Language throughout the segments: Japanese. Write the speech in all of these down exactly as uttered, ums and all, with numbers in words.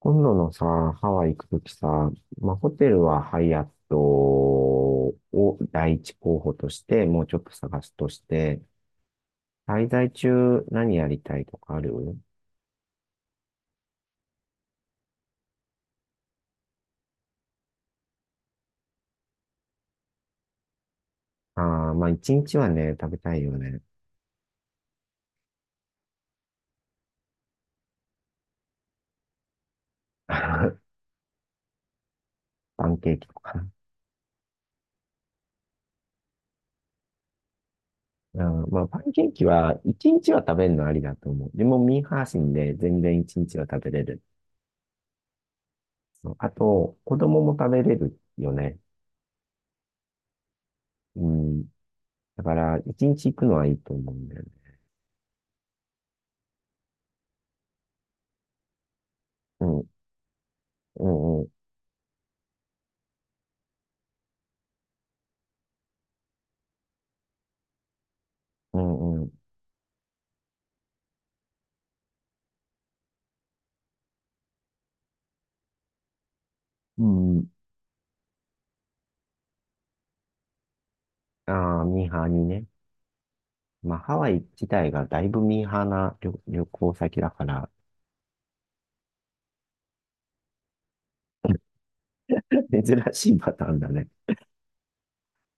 今度のさ、ハワイ行くときさ、まあ、ホテルはハイアットを第一候補として、もうちょっと探すとして、滞在中何やりたいとかある？ああー、まあ、一日はね、食べたいよね。パンケーキとか。うん、まあ、パンケーキは、一日は食べるのありだと思う。でも、ミーハー心で全然一日は食べれる。そう、あと、子供も食べれるよね。うん。だから、一日行くのはいいと思うんだよね。うん、うん、うん。うんうん。うん。ああ、ミーハーにね。まあ、ハワイ自体がだいぶミーハーな旅、旅行先だから、珍しいパターンだね。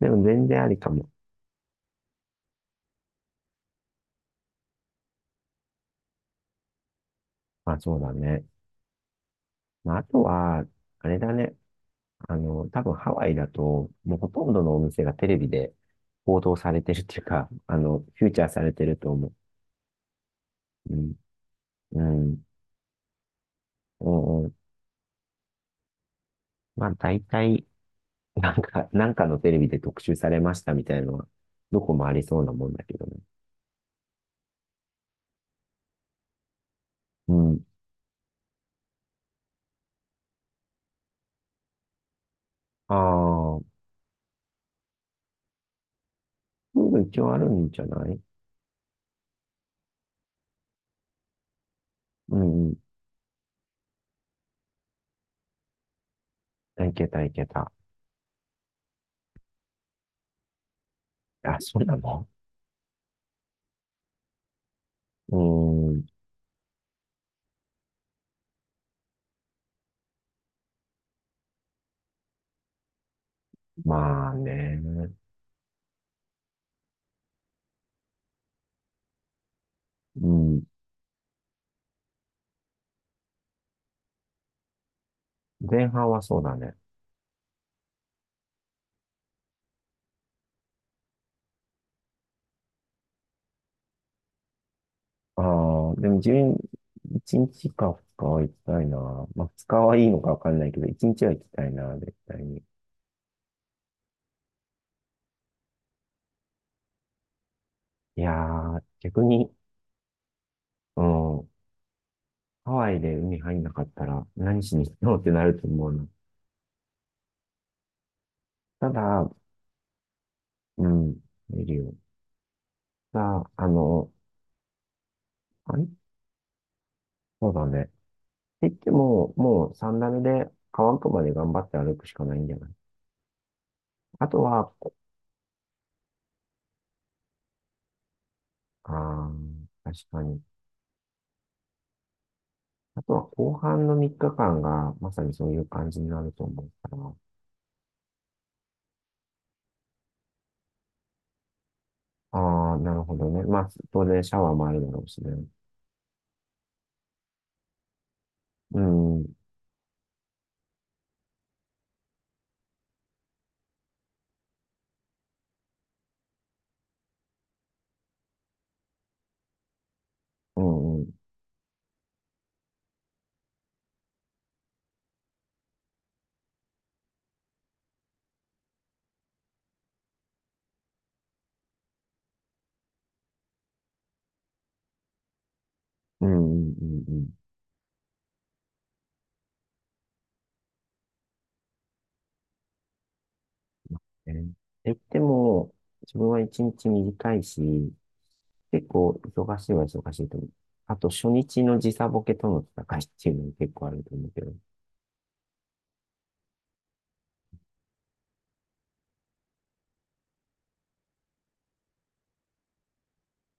でも全然ありかも。まあ、そうだね。まあ、あとは、あれだね。あの、多分ハワイだと、もうほとんどのお店がテレビで報道されてるっていうか、あの、フューチャーされてると思う。うん。うん。うんうん。まあ、大体、なんか、なんかのテレビで特集されましたみたいなのは、どこもありそうなもんだけどね。うん。ああ、プール一応あるんじゃない？うんうん。いけたいけた。あ、そうなの？うーん。まあね。うん。前半はそうだね。ああ、でも自分、いちにちかふつかは行きたいな。まあふつかはいいのかわかんないけど、一日は行きたいな、絶対に。いやー、逆に、うん。ハワイで海入んなかったら何しに行くのってなると思うな。ただ、うん。見るよ。さあ、あの、あれ、そうだね。言っても、もうンダ目で乾くまで頑張って歩くしかないんじゃない？あとは、ああ、確かに。あとは後半のみっかかんがまさにそういう感じになると思うから。ああ、なるほどね。まあ、当然シャワーもあるだろうしね。うん、うん、うん、うん、うん、うん。うん。ねえ、言っても、自分はいちにち短いし、結構忙しいは忙しいと思う。あと初日の時差ボケとの戦いっていうのも結構あると思うけど。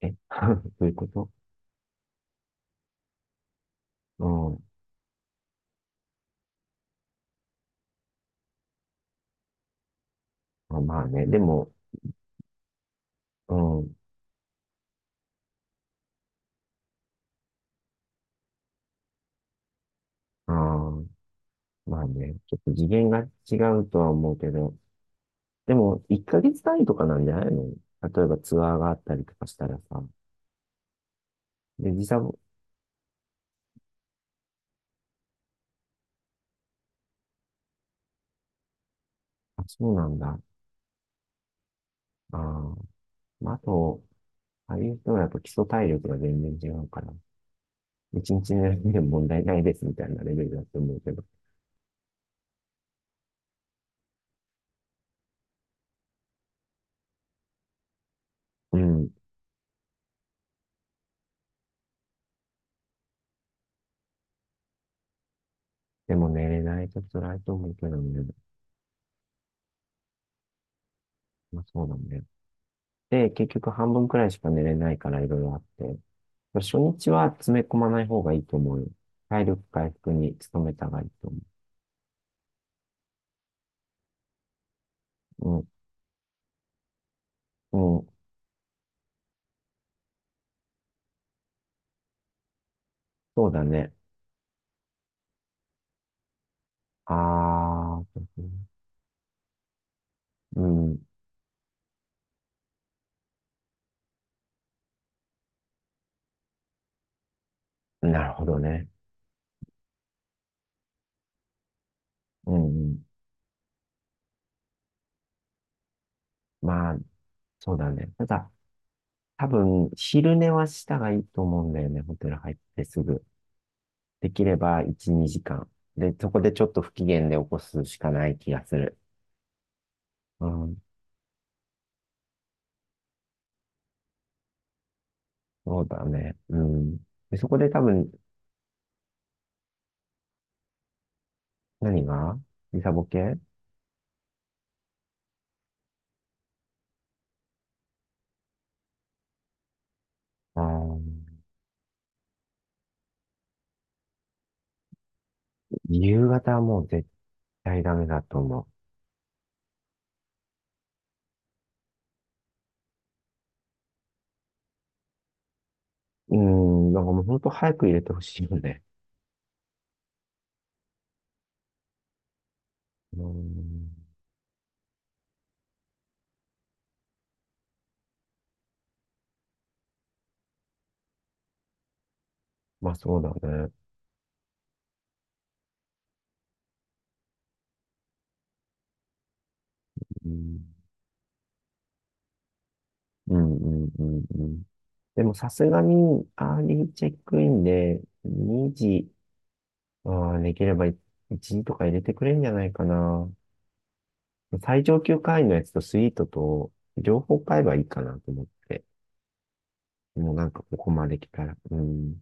え？ どういうこと？うん。まあまあね、でも、うん。ああ、まあね、ちょっと次元が違うとは思うけど、でも、いっかげつ単位とかなんじゃないの？例えばツアーがあったりとかしたらさ。で、時差も、あ、そうなんだ。ああ、まあ、あと、ああいう人はやっぱ基礎体力が全然違うから、いちにち寝るでも問題ないですみたいなレベルだと思うけど。うん。でも寝れないと辛いと思うけどね。まあそうだね。で、結局半分くらいしか寝れないからいろいろあって。初日は詰め込まない方がいいと思うよ。体力回復に努めた方がいいと思う。うん、うん、そうだね。あー、うん、なるほどね。うん、うん。まあ、そうだね。ただ、多分、昼寝はした方がいいと思うんだよね。ホテル入ってすぐ。できればいち、にじかん。で、そこでちょっと不機嫌で起こすしかない気がする。うん、そうだね。うん。で、そこで多分、何が？時差ボケ？あー、夕方はもう絶対ダメだと思う。うん、なんかもう本当早く入れてほしいよね。うん、まあそうだね。うん、うん、うん、うん。うん。でもさすがに、アーリーチェックインでにじ、ああできればいちじとか入れてくれるんじゃないかな。最上級会員のやつとスイートと、両方買えばいいかなと思って。もうなんかここまで来たら。うん、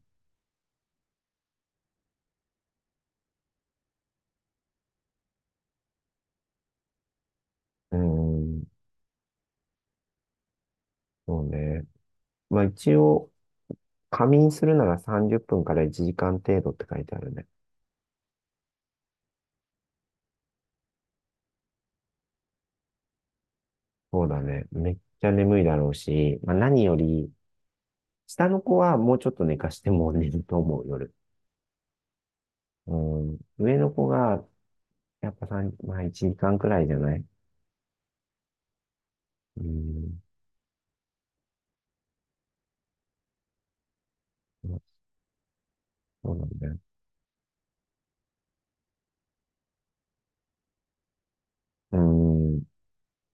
うん、そうね。まあ一応、仮眠するならさんじゅっぷんからいちじかん程度って書いてあるね。そうだね。めっちゃ眠いだろうし、まあ、何より、下の子はもうちょっと寝かしても寝ると思う、夜。うん。上の子が、やっぱさん、まあいちじかんくらいじゃない？うん。まあそうなんだよ。うん。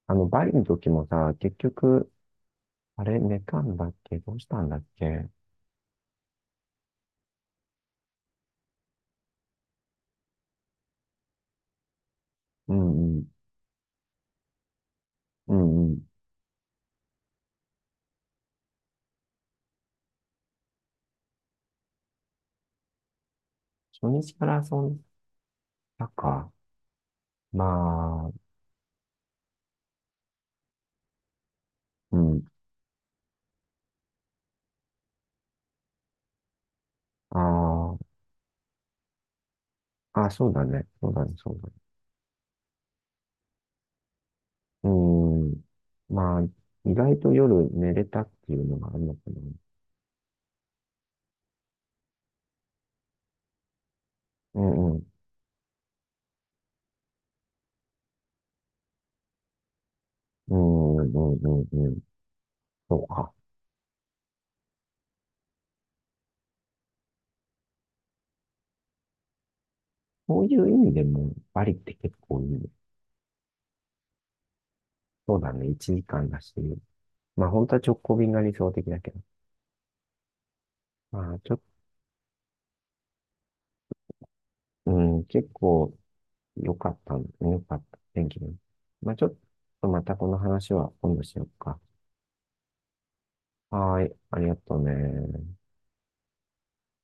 あの、バリの時もさ、結局、あれ、寝たんだっけ？どうしたんだっけ？うんうん。うんうん。初日から遊んだか。まあ、うん。ああ。あ、そうだね。そうだね、そうだね。うーん。まあ、意外と夜寝れたっていうのがあるのかな。うんうん。うんうんうんうんうん。そうか。そういう意味でも、バリって結構いいね。そうだね。いちじかんだし。まあ、本当は直行便が理想的だけど。まあ、ちょっと、うん、結構良かったん、良かった。天気も。まあ、ちょっとまたこの話は今度しようか。はーい。ありがとうね。